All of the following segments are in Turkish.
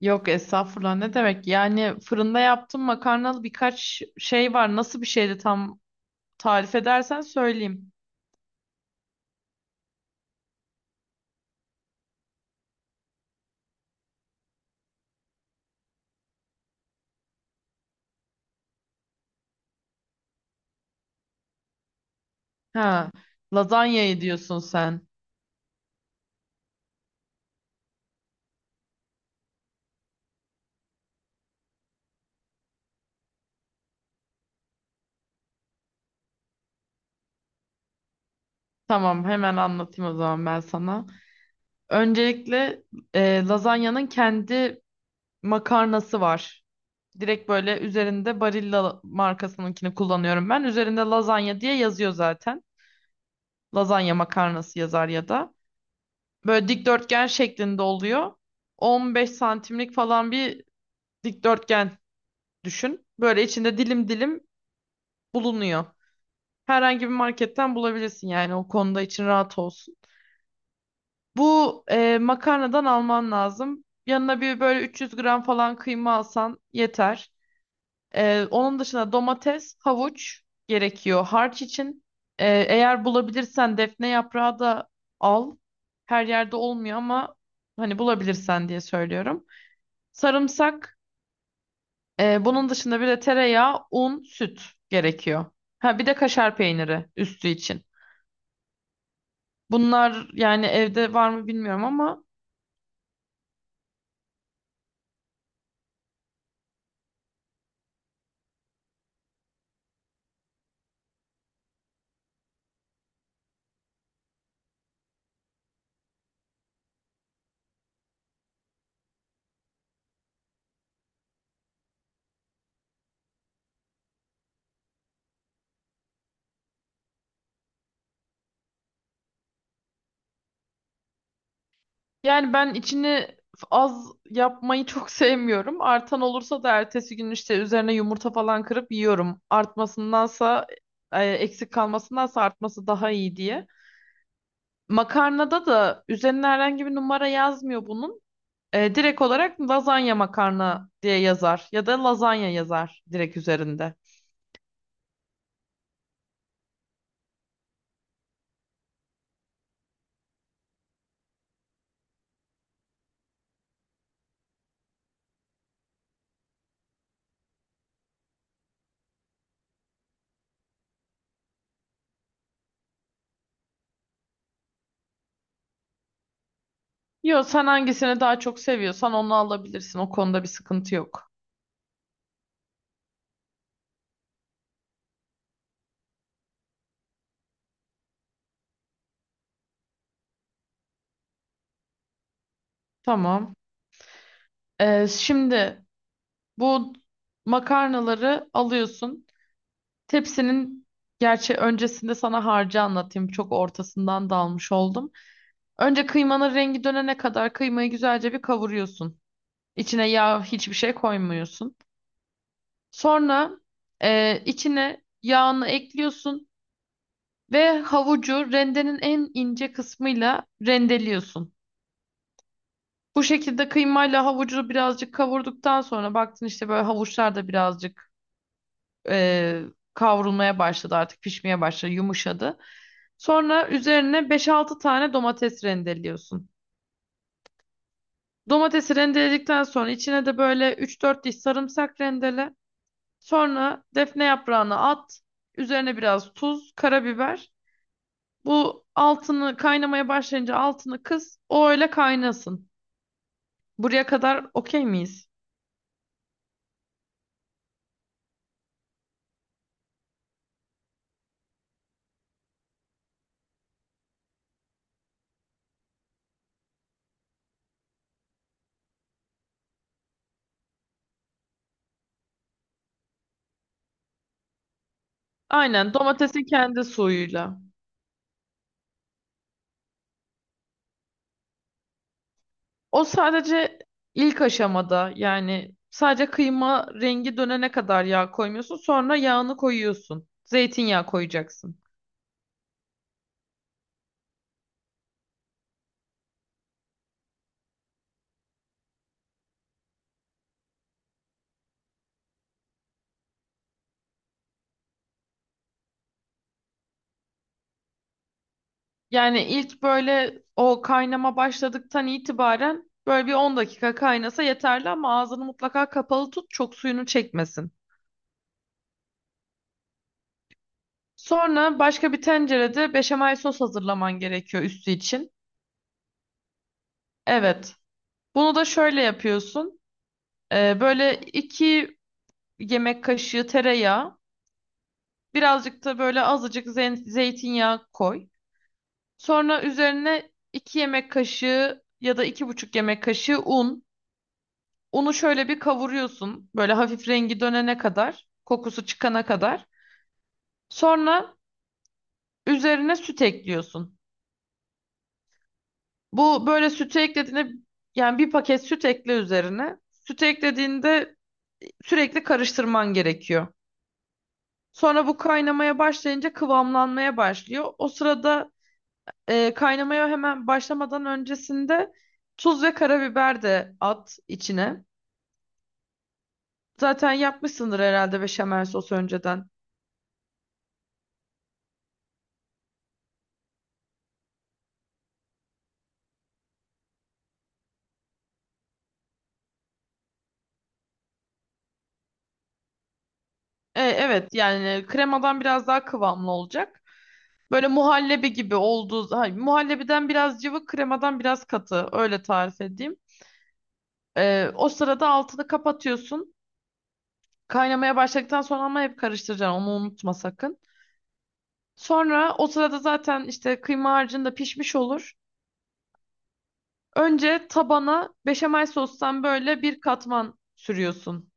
Yok, estağfurullah, ne demek? Yani fırında yaptığım makarnalı birkaç şey var. Nasıl bir şeydi tam, tarif edersen söyleyeyim. Ha, lazanyayı diyorsun sen. Tamam, hemen anlatayım o zaman ben sana. Öncelikle lazanyanın kendi makarnası var. Direkt böyle üzerinde Barilla markasınınkini kullanıyorum ben. Üzerinde lazanya diye yazıyor zaten. Lazanya makarnası yazar ya da. Böyle dikdörtgen şeklinde oluyor. 15 santimlik falan bir dikdörtgen düşün. Böyle içinde dilim dilim bulunuyor. Herhangi bir marketten bulabilirsin, yani o konuda için rahat olsun. Bu makarnadan alman lazım. Yanına bir böyle 300 gram falan kıyma alsan yeter. Onun dışında domates, havuç gerekiyor harç için. Eğer bulabilirsen defne yaprağı da al. Her yerde olmuyor ama hani bulabilirsen diye söylüyorum. Sarımsak, bunun dışında bir de tereyağı, un, süt gerekiyor. Ha, bir de kaşar peyniri üstü için. Bunlar yani evde var mı bilmiyorum ama yani ben içini az yapmayı çok sevmiyorum. Artan olursa da ertesi gün işte üzerine yumurta falan kırıp yiyorum. Artmasındansa, eksik kalmasındansa artması daha iyi diye. Makarnada da üzerine herhangi bir numara yazmıyor bunun. E, direkt olarak lazanya makarna diye yazar ya da lazanya yazar direkt üzerinde. Yo, sen hangisini daha çok seviyorsan onu alabilirsin. O konuda bir sıkıntı yok. Tamam. E, şimdi bu makarnaları alıyorsun. Tepsinin, gerçi öncesinde sana harcı anlatayım. Çok ortasından dalmış oldum. Önce kıymanın rengi dönene kadar kıymayı güzelce bir kavuruyorsun. İçine yağ, hiçbir şey koymuyorsun. Sonra içine yağını ekliyorsun ve havucu rendenin en ince kısmıyla rendeliyorsun. Bu şekilde kıymayla havucu birazcık kavurduktan sonra baktın işte böyle havuçlar da birazcık e, kavrulmaya başladı, artık pişmeye başladı, yumuşadı. Sonra üzerine beş-altı tane domates rendeliyorsun. Domatesi rendeledikten sonra içine de böyle üç-dört diş sarımsak rendele. Sonra defne yaprağını at. Üzerine biraz tuz, karabiber. Bu altını, kaynamaya başlayınca altını kıs. O öyle kaynasın. Buraya kadar okey miyiz? Aynen, domatesin kendi suyuyla. O sadece ilk aşamada, yani sadece kıyma rengi dönene kadar yağ koymuyorsun. Sonra yağını koyuyorsun. Zeytinyağı koyacaksın. Yani ilk böyle o kaynama başladıktan itibaren böyle bir 10 dakika kaynasa yeterli, ama ağzını mutlaka kapalı tut, çok suyunu çekmesin. Sonra başka bir tencerede beşamel sos hazırlaman gerekiyor üstü için. Evet. Bunu da şöyle yapıyorsun. Böyle iki yemek kaşığı tereyağı. Birazcık da böyle azıcık zeytinyağı koy. Sonra üzerine 2 yemek kaşığı ya da iki buçuk yemek kaşığı un. Unu şöyle bir kavuruyorsun. Böyle hafif rengi dönene kadar, kokusu çıkana kadar. Sonra üzerine süt ekliyorsun. Bu böyle sütü eklediğinde, yani bir paket süt ekle üzerine. Sütü eklediğinde sürekli karıştırman gerekiyor. Sonra bu kaynamaya başlayınca kıvamlanmaya başlıyor. O sırada kaynamaya hemen başlamadan öncesinde tuz ve karabiber de at içine. Zaten yapmışsındır herhalde beşamel sos önceden. E, evet, yani kremadan biraz daha kıvamlı olacak. Böyle muhallebi gibi olduğu, hayır, muhallebiden biraz cıvık, kremadan biraz katı, öyle tarif edeyim. E, o sırada altını kapatıyorsun. Kaynamaya başladıktan sonra, ama hep karıştıracaksın onu, unutma sakın. Sonra o sırada zaten işte kıyma harcın da pişmiş olur. Önce tabana beşamel sostan böyle bir katman sürüyorsun.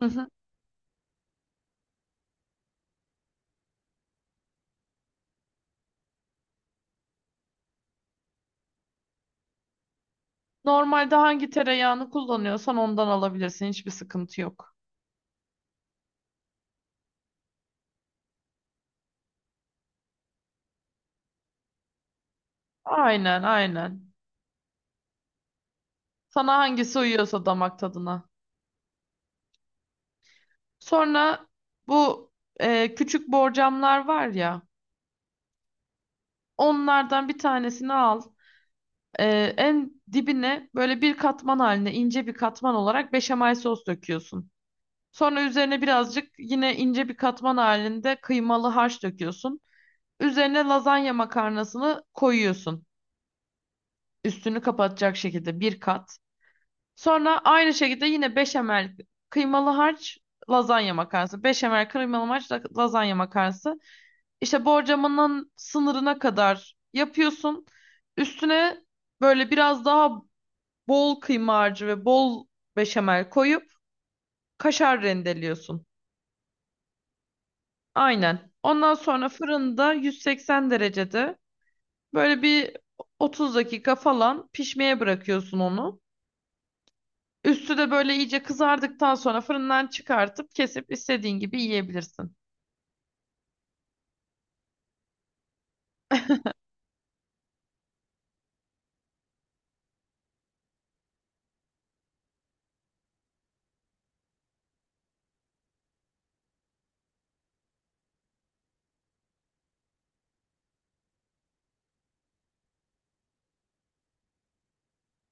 Hı hı. Normalde hangi tereyağını kullanıyorsan ondan alabilirsin. Hiçbir sıkıntı yok. Aynen, aynen. Sana hangisi uyuyorsa damak tadına. Sonra bu küçük borcamlar var ya, onlardan bir tanesini al. E, en dibine böyle bir katman haline, ince bir katman olarak beşamel sos döküyorsun. Sonra üzerine birazcık yine ince bir katman halinde kıymalı harç döküyorsun. Üzerine lazanya makarnasını koyuyorsun. Üstünü kapatacak şekilde bir kat. Sonra aynı şekilde yine beşamel, kıymalı harç, lazanya makarnası. Beşamel, kıymalı harç, lazanya makarnası. İşte borcamının sınırına kadar yapıyorsun. Üstüne böyle biraz daha bol kıyma harcı ve bol beşamel koyup kaşar rendeliyorsun. Aynen. Ondan sonra fırında 180 derecede böyle bir 30 dakika falan pişmeye bırakıyorsun onu. Üstü de böyle iyice kızardıktan sonra fırından çıkartıp kesip istediğin gibi yiyebilirsin.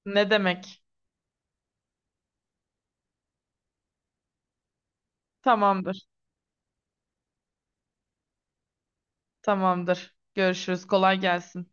Ne demek? Tamamdır. Tamamdır. Görüşürüz. Kolay gelsin.